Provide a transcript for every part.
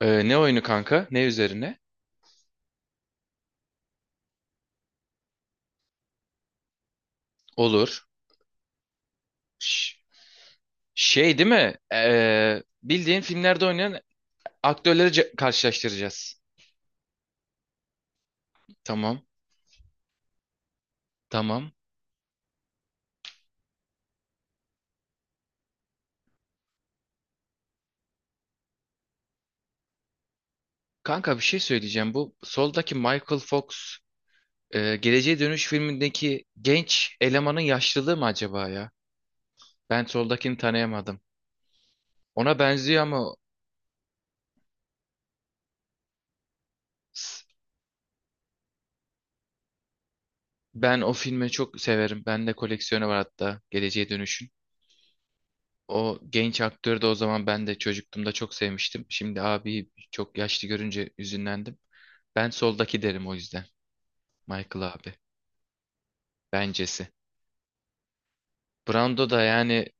Ne oyunu kanka? Ne üzerine? Olur. Ş- Şey değil mi? Bildiğin filmlerde oynayan aktörleri karşılaştıracağız. Tamam. Tamam. Kanka bir şey söyleyeceğim. Bu soldaki Michael Fox Geleceğe Dönüş filmindeki genç elemanın yaşlılığı mı acaba ya? Ben soldakini tanıyamadım. Ona benziyor ama s- ben o filmi çok severim. Bende koleksiyonu var hatta Geleceğe Dönüş'ün. O genç aktörü de o zaman ben de çocukluğumda çok sevmiştim. Şimdi abi çok yaşlı görünce üzünlendim. Ben soldaki derim o yüzden. Michael abi. Bencesi. Brando da yani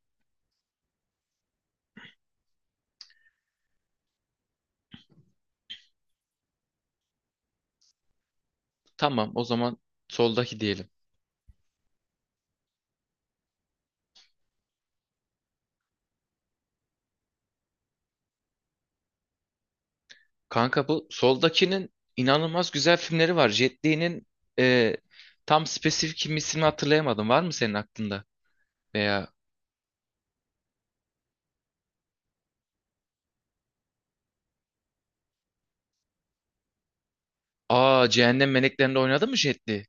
tamam o zaman soldaki diyelim. Kanka bu soldakinin inanılmaz güzel filmleri var. Jet Li'nin e, tam spesifik kim ismini hatırlayamadım. Var mı senin aklında? Veya aa Cehennem Meleklerinde oynadı mı Jet Li?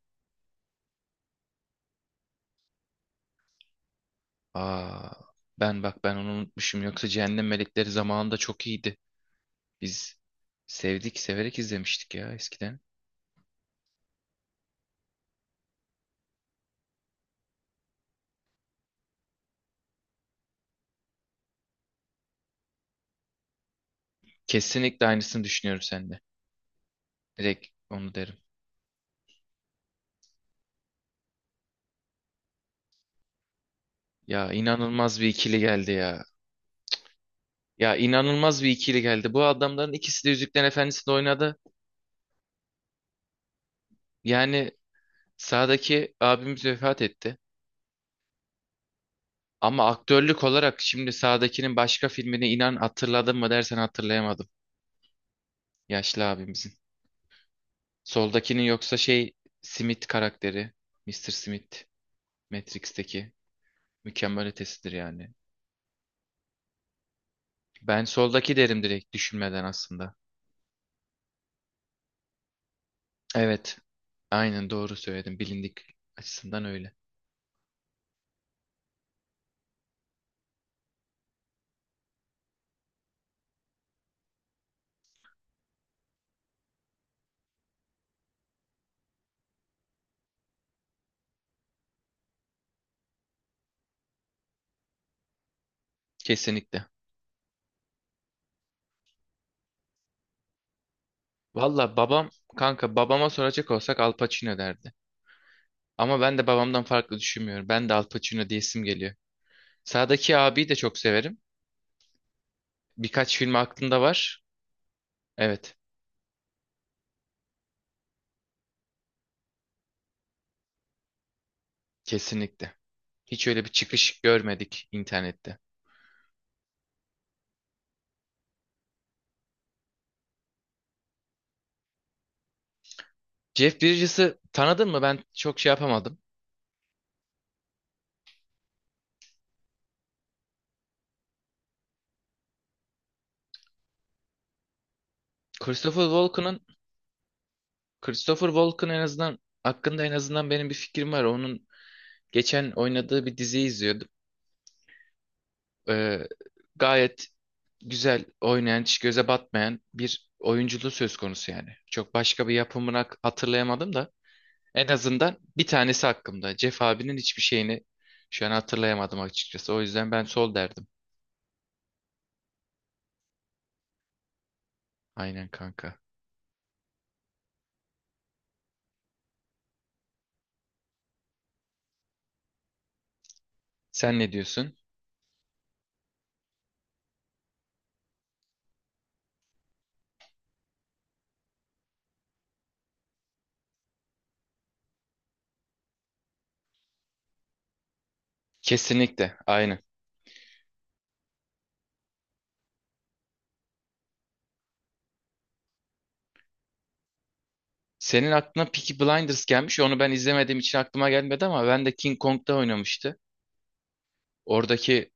Aa ben bak ben onu unutmuşum. Yoksa Cehennem Melekleri zamanında çok iyiydi. Biz sevdik, severek izlemiştik ya eskiden. Kesinlikle aynısını düşünüyorum sende. Direkt onu derim. Ya inanılmaz bir ikili geldi ya. Ya inanılmaz bir ikili geldi. Bu adamların ikisi de Yüzüklerin Efendisi'nde oynadı. Yani sağdaki abimiz vefat etti. Ama aktörlük olarak şimdi sağdakinin başka filmini inan hatırladın mı dersen hatırlayamadım. Yaşlı abimizin. Soldakinin yoksa şey Smith karakteri. Mister Smith. Matrix'teki mükemmel ötesidir yani. Ben soldaki derim direkt düşünmeden aslında. Evet. Aynen doğru söyledim. Bilindik açısından öyle. Kesinlikle. Valla babam kanka babama soracak olsak Al Pacino derdi. Ama ben de babamdan farklı düşünmüyorum. Ben de Al Pacino diyesim geliyor. Sağdaki abiyi de çok severim. Birkaç film aklımda var. Evet. Kesinlikle. Hiç öyle bir çıkış görmedik internette. Jeff Bridges'ı tanıdın mı? Ben çok şey yapamadım. Christopher Walken'ın Christopher Walken en azından hakkında en azından benim bir fikrim var. Onun geçen oynadığı bir diziyi izliyordum. Ee, Gayet güzel oynayan, hiç göze batmayan bir oyunculuğu söz konusu yani. Çok başka bir yapımını hatırlayamadım da en azından bir tanesi hakkımda. Jeff abinin hiçbir şeyini şu an hatırlayamadım açıkçası. O yüzden ben sol derdim. Aynen kanka. Sen ne diyorsun? Kesinlikle, aynen. Senin aklına Peaky Blinders gelmiş. Onu ben izlemediğim için aklıma gelmedi ama ben de King Kong'da oynamıştı. Oradaki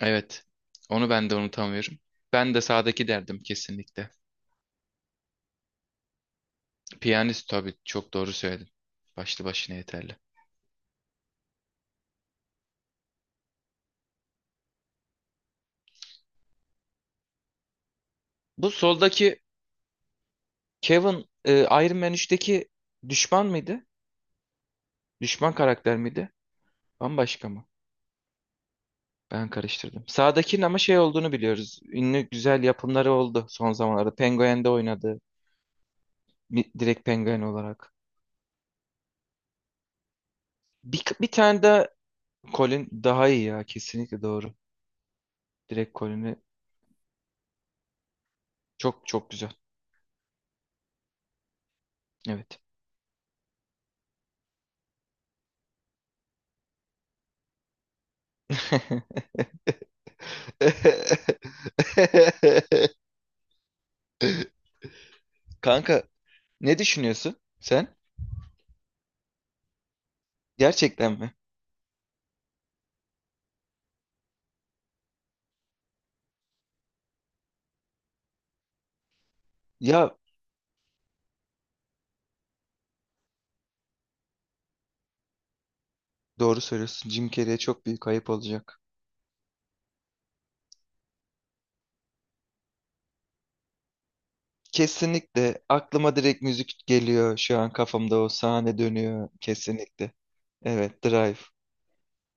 evet. Onu ben de unutamıyorum. Ben de sağdaki derdim kesinlikle. Piyanist tabii çok doğru söyledin. Başlı başına yeterli. Bu soldaki Kevin Iron Man 3'teki düşman mıydı? Düşman karakter miydi? Bambaşka mı? Ben karıştırdım. Sağdakinin ama şey olduğunu biliyoruz. Ünlü güzel yapımları oldu son zamanlarda. Penguin'de oynadı. Direkt Penguin olarak. Bir tane de Colin daha iyi ya. Kesinlikle doğru. Direkt Colin'i çok çok güzel. Evet. Kanka ne düşünüyorsun sen? Gerçekten mi? Ya doğru söylüyorsun. Jim Carrey'e çok büyük ayıp olacak. Kesinlikle aklıma direkt müzik geliyor. Şu an kafamda o sahne dönüyor kesinlikle. Evet, Drive.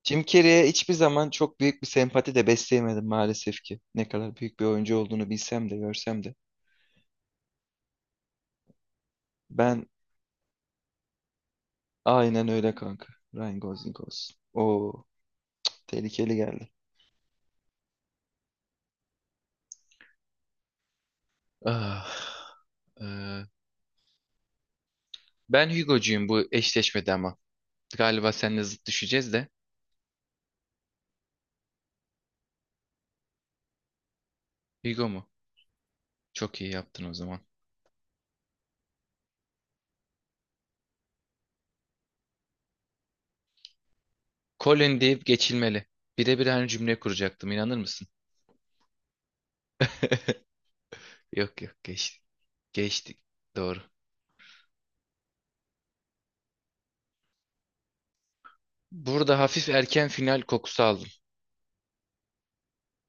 Jim Carrey'e hiçbir zaman çok büyük bir sempati de besleyemedim maalesef ki. Ne kadar büyük bir oyuncu olduğunu bilsem de görsem de. Ben aynen öyle kanka. Ryan Gosling olsun. Oo, tehlikeli geldi. Ah, eee, Ben Hugo'cuyum bu eşleşmede ama. Galiba seninle zıt düşeceğiz de. Hugo mu? Çok iyi yaptın o zaman. Colin deyip geçilmeli. Birebir aynı cümle kuracaktım inanır mısın? Yok yok, geçtik. Geçtik. Doğru. Burada hafif erken final kokusu aldım.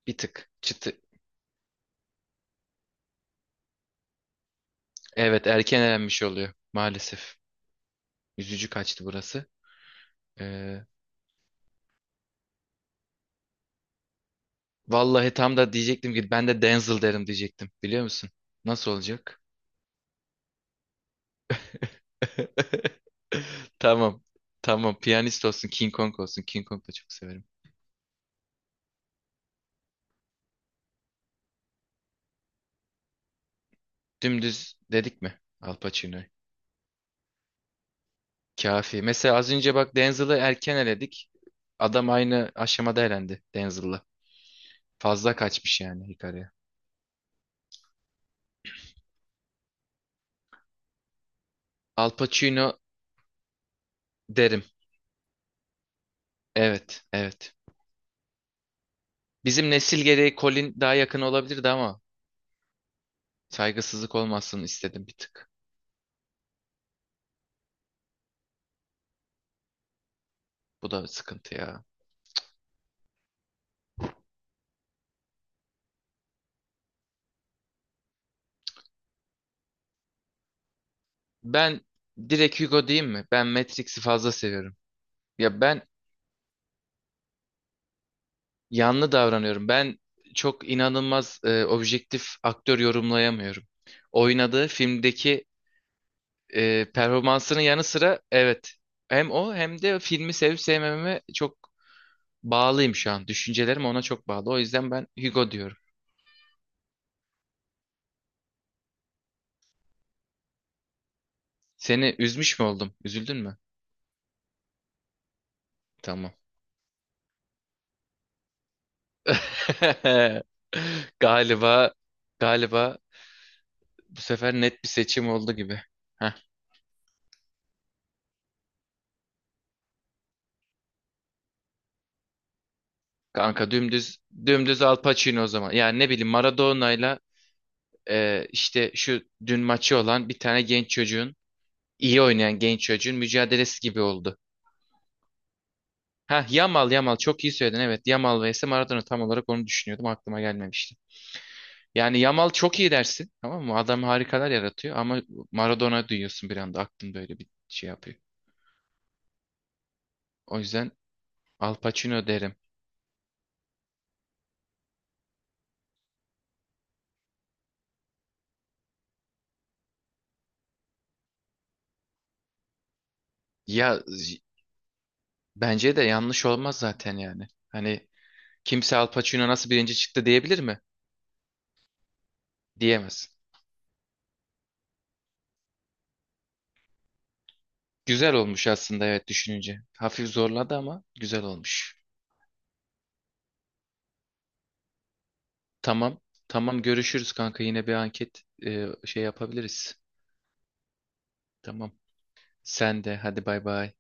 Bir tık. Çıtı. Evet, erken elenmiş oluyor. Maalesef. Üzücü kaçtı burası. Ee, Vallahi tam da diyecektim ki ben de Denzel derim diyecektim. Biliyor musun? Nasıl olacak? Tamam. Tamam. Piyanist olsun, King Kong olsun. King Kong da çok severim. Dümdüz dedik mi? Al Pacino'yu. Kafi. Mesela az önce bak Denzel'ı erken eledik. Adam aynı aşamada elendi Denzel'la. Fazla kaçmış yani Hikaru'ya. Al Pacino derim. Evet, evet. Bizim nesil gereği Colin daha yakın olabilirdi ama saygısızlık olmasın istedim bir tık. Bu da sıkıntı ya. Ben direkt Hugo diyeyim mi? Ben Matrix'i fazla seviyorum. Ya ben yanlı davranıyorum. Ben çok inanılmaz objektif aktör yorumlayamıyorum. Oynadığı filmdeki performansının yanı sıra evet, hem o hem de filmi sevip sevmememe çok bağlıyım şu an. Düşüncelerim ona çok bağlı. O yüzden ben Hugo diyorum. Seni üzmüş mü oldum? Üzüldün mü? Tamam. Galiba galiba bu sefer net bir seçim oldu gibi. Heh, kanka dümdüz dümdüz Al Pacino o zaman. Yani ne bileyim Maradona'yla işte şu dün maçı olan bir tane genç çocuğun, iyi oynayan genç çocuğun mücadelesi gibi oldu. Ha, Yamal, Yamal çok iyi söyledin evet. Yamal vs Maradona tam olarak onu düşünüyordum, aklıma gelmemişti. Yani Yamal çok iyi dersin, tamam mı? Adam harikalar yaratıyor ama Maradona duyuyorsun bir anda aklında öyle bir şey yapıyor. O yüzden Al Pacino derim. Ya z- Bence de yanlış olmaz zaten yani. Hani kimse Al Pacino nasıl birinci çıktı diyebilir mi? Diyemez. Güzel olmuş aslında evet düşününce. Hafif zorladı ama güzel olmuş. Tamam. Tamam, görüşürüz kanka. Yine bir anket şey yapabiliriz. Tamam. Sen de hadi bay bay.